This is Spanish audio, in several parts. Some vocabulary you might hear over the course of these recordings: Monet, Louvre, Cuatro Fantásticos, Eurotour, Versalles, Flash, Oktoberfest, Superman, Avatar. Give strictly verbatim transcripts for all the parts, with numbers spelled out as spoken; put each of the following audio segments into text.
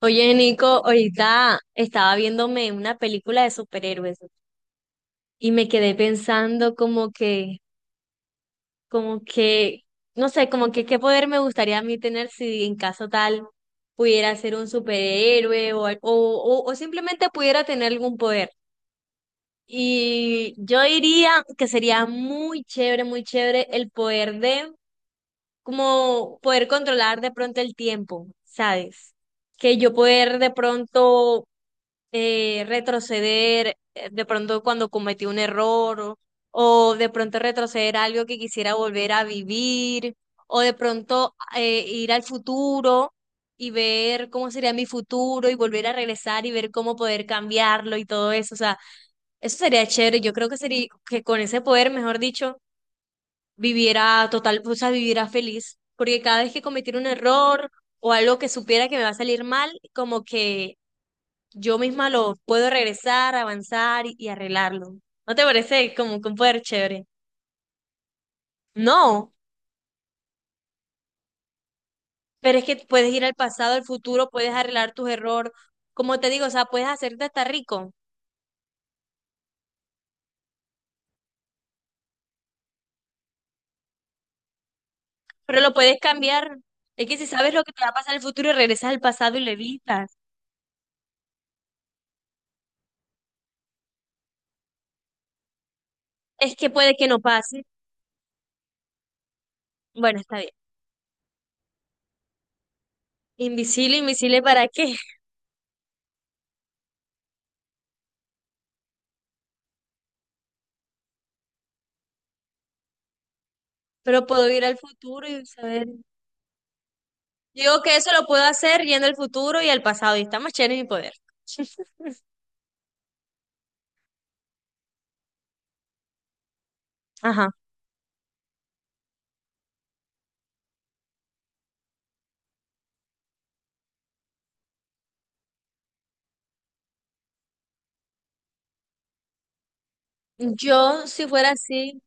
Oye, Nico, ahorita estaba viéndome una película de superhéroes y me quedé pensando como que, como que, no sé, como que qué poder me gustaría a mí tener si en caso tal pudiera ser un superhéroe o, al- o, o, o simplemente pudiera tener algún poder. Y yo diría que sería muy chévere, muy chévere el poder de, como poder controlar de pronto el tiempo, ¿sabes? Que yo poder de pronto eh, retroceder eh, de pronto cuando cometí un error o, o de pronto retroceder a algo que quisiera volver a vivir o de pronto eh, ir al futuro y ver cómo sería mi futuro y volver a regresar y ver cómo poder cambiarlo y todo eso. O sea, eso sería chévere. Yo creo que sería que con ese poder, mejor dicho, viviera total, o sea, viviera feliz. Porque cada vez que cometiera un error o algo que supiera que me va a salir mal, como que yo misma lo puedo regresar, avanzar y, y arreglarlo. ¿No te parece como que un poder chévere? No, pero es que puedes ir al pasado, al futuro, puedes arreglar tus errores. Como te digo, o sea, puedes hacerte hasta rico, pero lo puedes cambiar. Es que si sabes lo que te va a pasar en el futuro, regresas al pasado y lo evitas. Es que puede que no pase. Bueno, está bien. Invisible, invisible, ¿para qué? Pero puedo ir al futuro y saber. Digo que eso lo puedo hacer yendo al futuro y al pasado, y está más chévere mi poder. Ajá. Yo, si fuera así,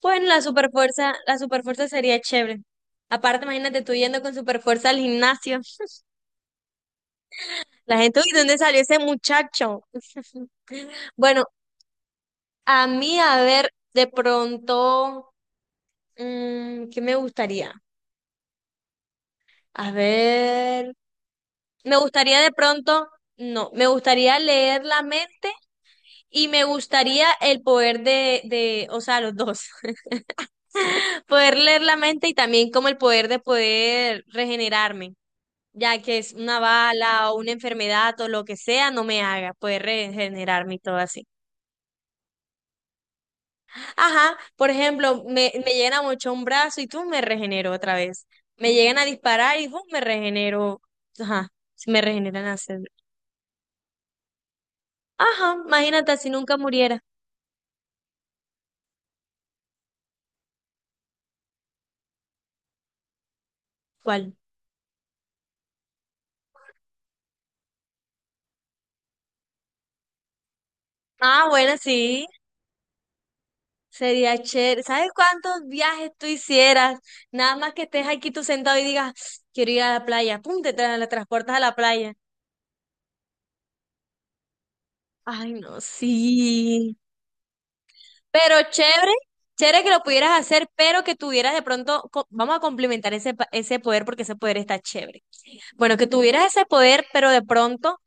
pues la superfuerza, la superfuerza sería chévere. Aparte, imagínate tú yendo con superfuerza al gimnasio. La gente, uy, ¿de ¿dónde salió ese muchacho? Bueno, a mí, a ver, de pronto, mm, ¿qué me gustaría? A ver, me gustaría de pronto, no, me gustaría leer la mente y me gustaría el poder de, de, o sea, los dos, poder leer la mente y también como el poder de poder regenerarme. Ya que es una bala o una enfermedad o lo que sea, no me haga, puede regenerarme y todo así. Ajá, por ejemplo, me, me llegan a mochar un brazo y tú me regenero otra vez. Me llegan a disparar y ¡fum! Me regenero. Ajá, se me regeneran las células. Ajá, imagínate si nunca muriera. ¿Cuál? Ah, bueno, sí. Sería chévere. ¿Sabes cuántos viajes tú hicieras? Nada más que estés aquí tú sentado y digas, quiero ir a la playa. Pum, te tra- la transportas a la playa. Ay, no, sí. Pero chévere, chévere que lo pudieras hacer, pero que tuvieras de pronto, co- vamos a complementar ese, pa- ese poder porque ese poder está chévere. Bueno, que tuvieras ese poder, pero de pronto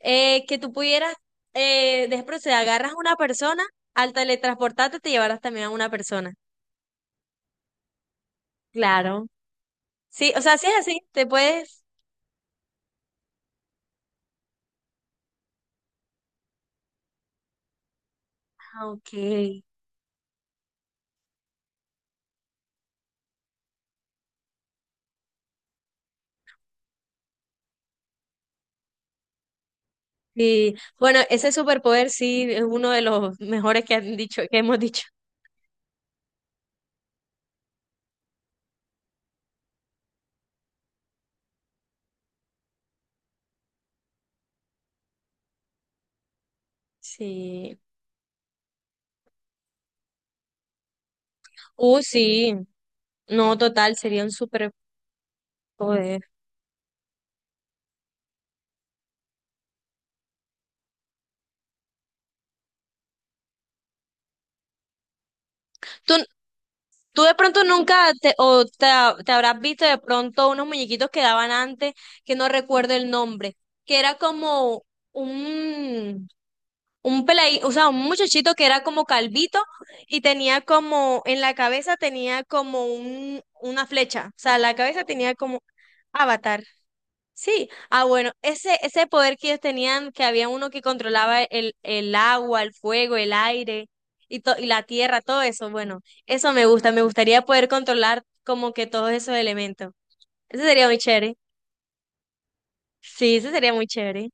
eh, que tú pudieras, eh, de pronto si agarras a una persona, al teletransportarte te llevarás también a una persona. Claro. Sí, o sea, si es así, te puedes... Ah, ok. Sí. Bueno, ese superpoder sí es uno de los mejores que han dicho, que hemos dicho. Sí. Uh, sí. No, total, sería un superpoder. ¿Tú, ¿tú de pronto nunca te, o te, ha- te habrás visto de pronto unos muñequitos que daban antes, que no recuerdo el nombre, que era como un, un pelai- o sea, un muchachito que era como calvito y tenía como, en la cabeza tenía como un, una flecha, o sea, la cabeza tenía como... Avatar. Sí, ah bueno, ese, ese poder que ellos tenían, que había uno que controlaba el, el agua, el fuego, el aire y, to- y la tierra, todo eso, bueno, eso me gusta, me gustaría poder controlar como que todos esos elementos. Eso sería muy chévere. Sí, eso sería muy chévere.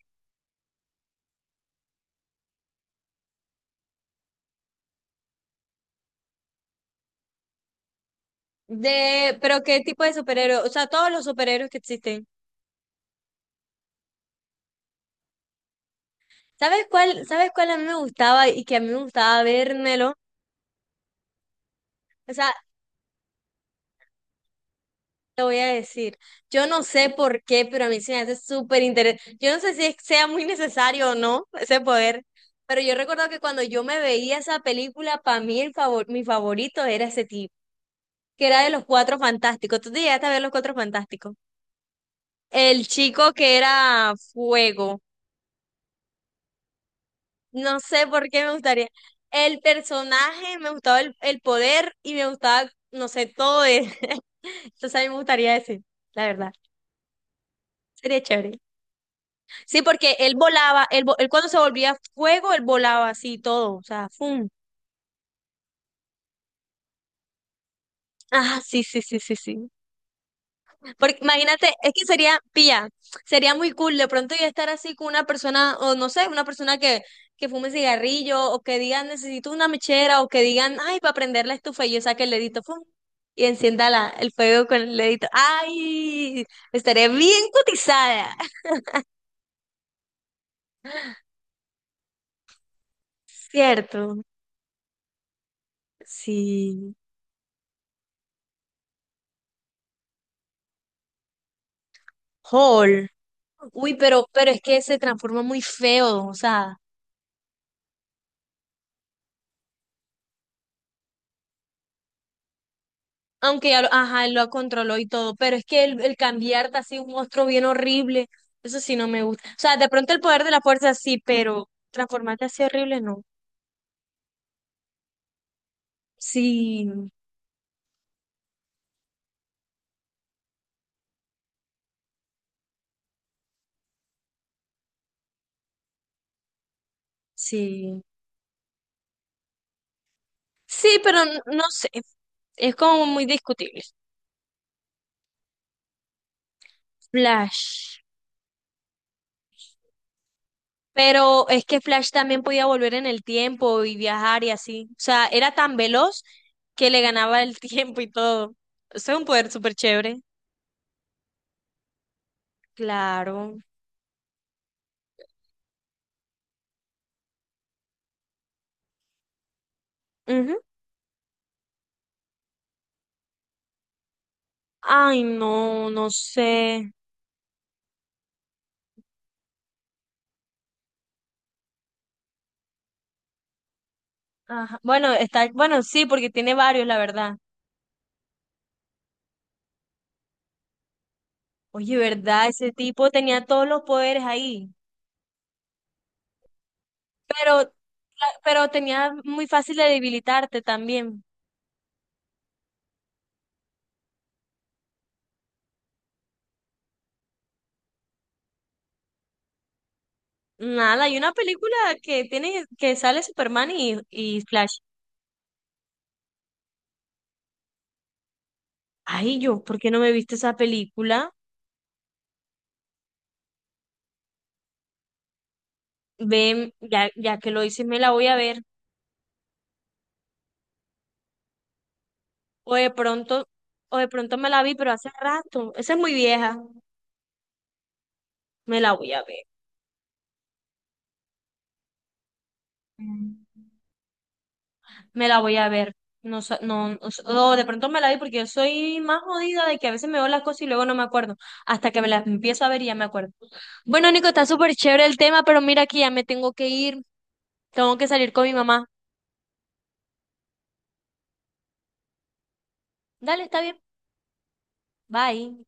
De, pero ¿qué tipo de superhéroe? O sea, todos los superhéroes que existen. ¿Sabes cuál, sabes cuál a mí me gustaba y que a mí me gustaba vérmelo? O sea, te voy a decir, yo no sé por qué, pero a mí se me hace súper interesante. Yo no sé si es- sea muy necesario o no ese poder, pero yo recuerdo que cuando yo me veía esa película, para mí el favor, mi favorito era ese tipo, que era de los Cuatro Fantásticos. ¿Tú te llegaste a ver los Cuatro Fantásticos? El chico que era fuego. No sé por qué me gustaría. El personaje, me gustaba el, el poder y me gustaba, no sé, todo de... Entonces a mí me gustaría ese, la verdad. Sería chévere. Sí, porque él volaba, él, vo- él cuando se volvía fuego, él volaba así todo, o sea, ¡fum! Ah, sí, sí, sí, sí, sí. Porque imagínate, es que sería, pilla, sería muy cool de pronto yo estar así con una persona, o no sé, una persona que, que fume cigarrillo, o que digan, necesito una mechera, o que digan, ay, para prender la estufa, y yo saque el dedito, ¡fum! Y encienda la, el fuego con el dedito. ¡Ay! Estaré bien cotizada, ¿cierto? Sí. Hall. Uy, pero, pero es que se transforma muy feo, o sea, aunque ya lo, ajá, él lo controló y todo, pero es que el, el cambiarte así un monstruo bien horrible, eso sí no me gusta. O sea, de pronto el poder de la fuerza sí, pero transformarte así horrible no. Sí, sí. Sí, pero n- no sé, es como muy discutible. Flash. Pero es que Flash también podía volver en el tiempo y viajar y así. O sea, era tan veloz que le ganaba el tiempo y todo. Eso es un poder súper chévere. Claro. Ujú. Ay, no, no sé. Ajá. Bueno, está, bueno, sí, porque tiene varios, la verdad. Oye, ¿verdad? Ese tipo tenía todos los poderes ahí, pero, pero tenía muy fácil de debilitarte también. Nada, hay una película que tiene, que sale Superman y, y Flash. Ay, yo, ¿por qué no me viste esa película? Ven, ya, ya que lo dices, me la voy a ver. O de pronto, o de pronto me la vi, pero hace rato. Esa es muy vieja. Me la voy a ver. Me la voy a ver. No, sa- no, o s- o de pronto me la vi porque yo soy más jodida de que a veces me veo las cosas y luego no me acuerdo. Hasta que me las empiezo a ver y ya me acuerdo. Bueno, Nico, está súper chévere el tema, pero mira que ya me tengo que ir. Tengo que salir con mi mamá. Dale, está bien. Bye.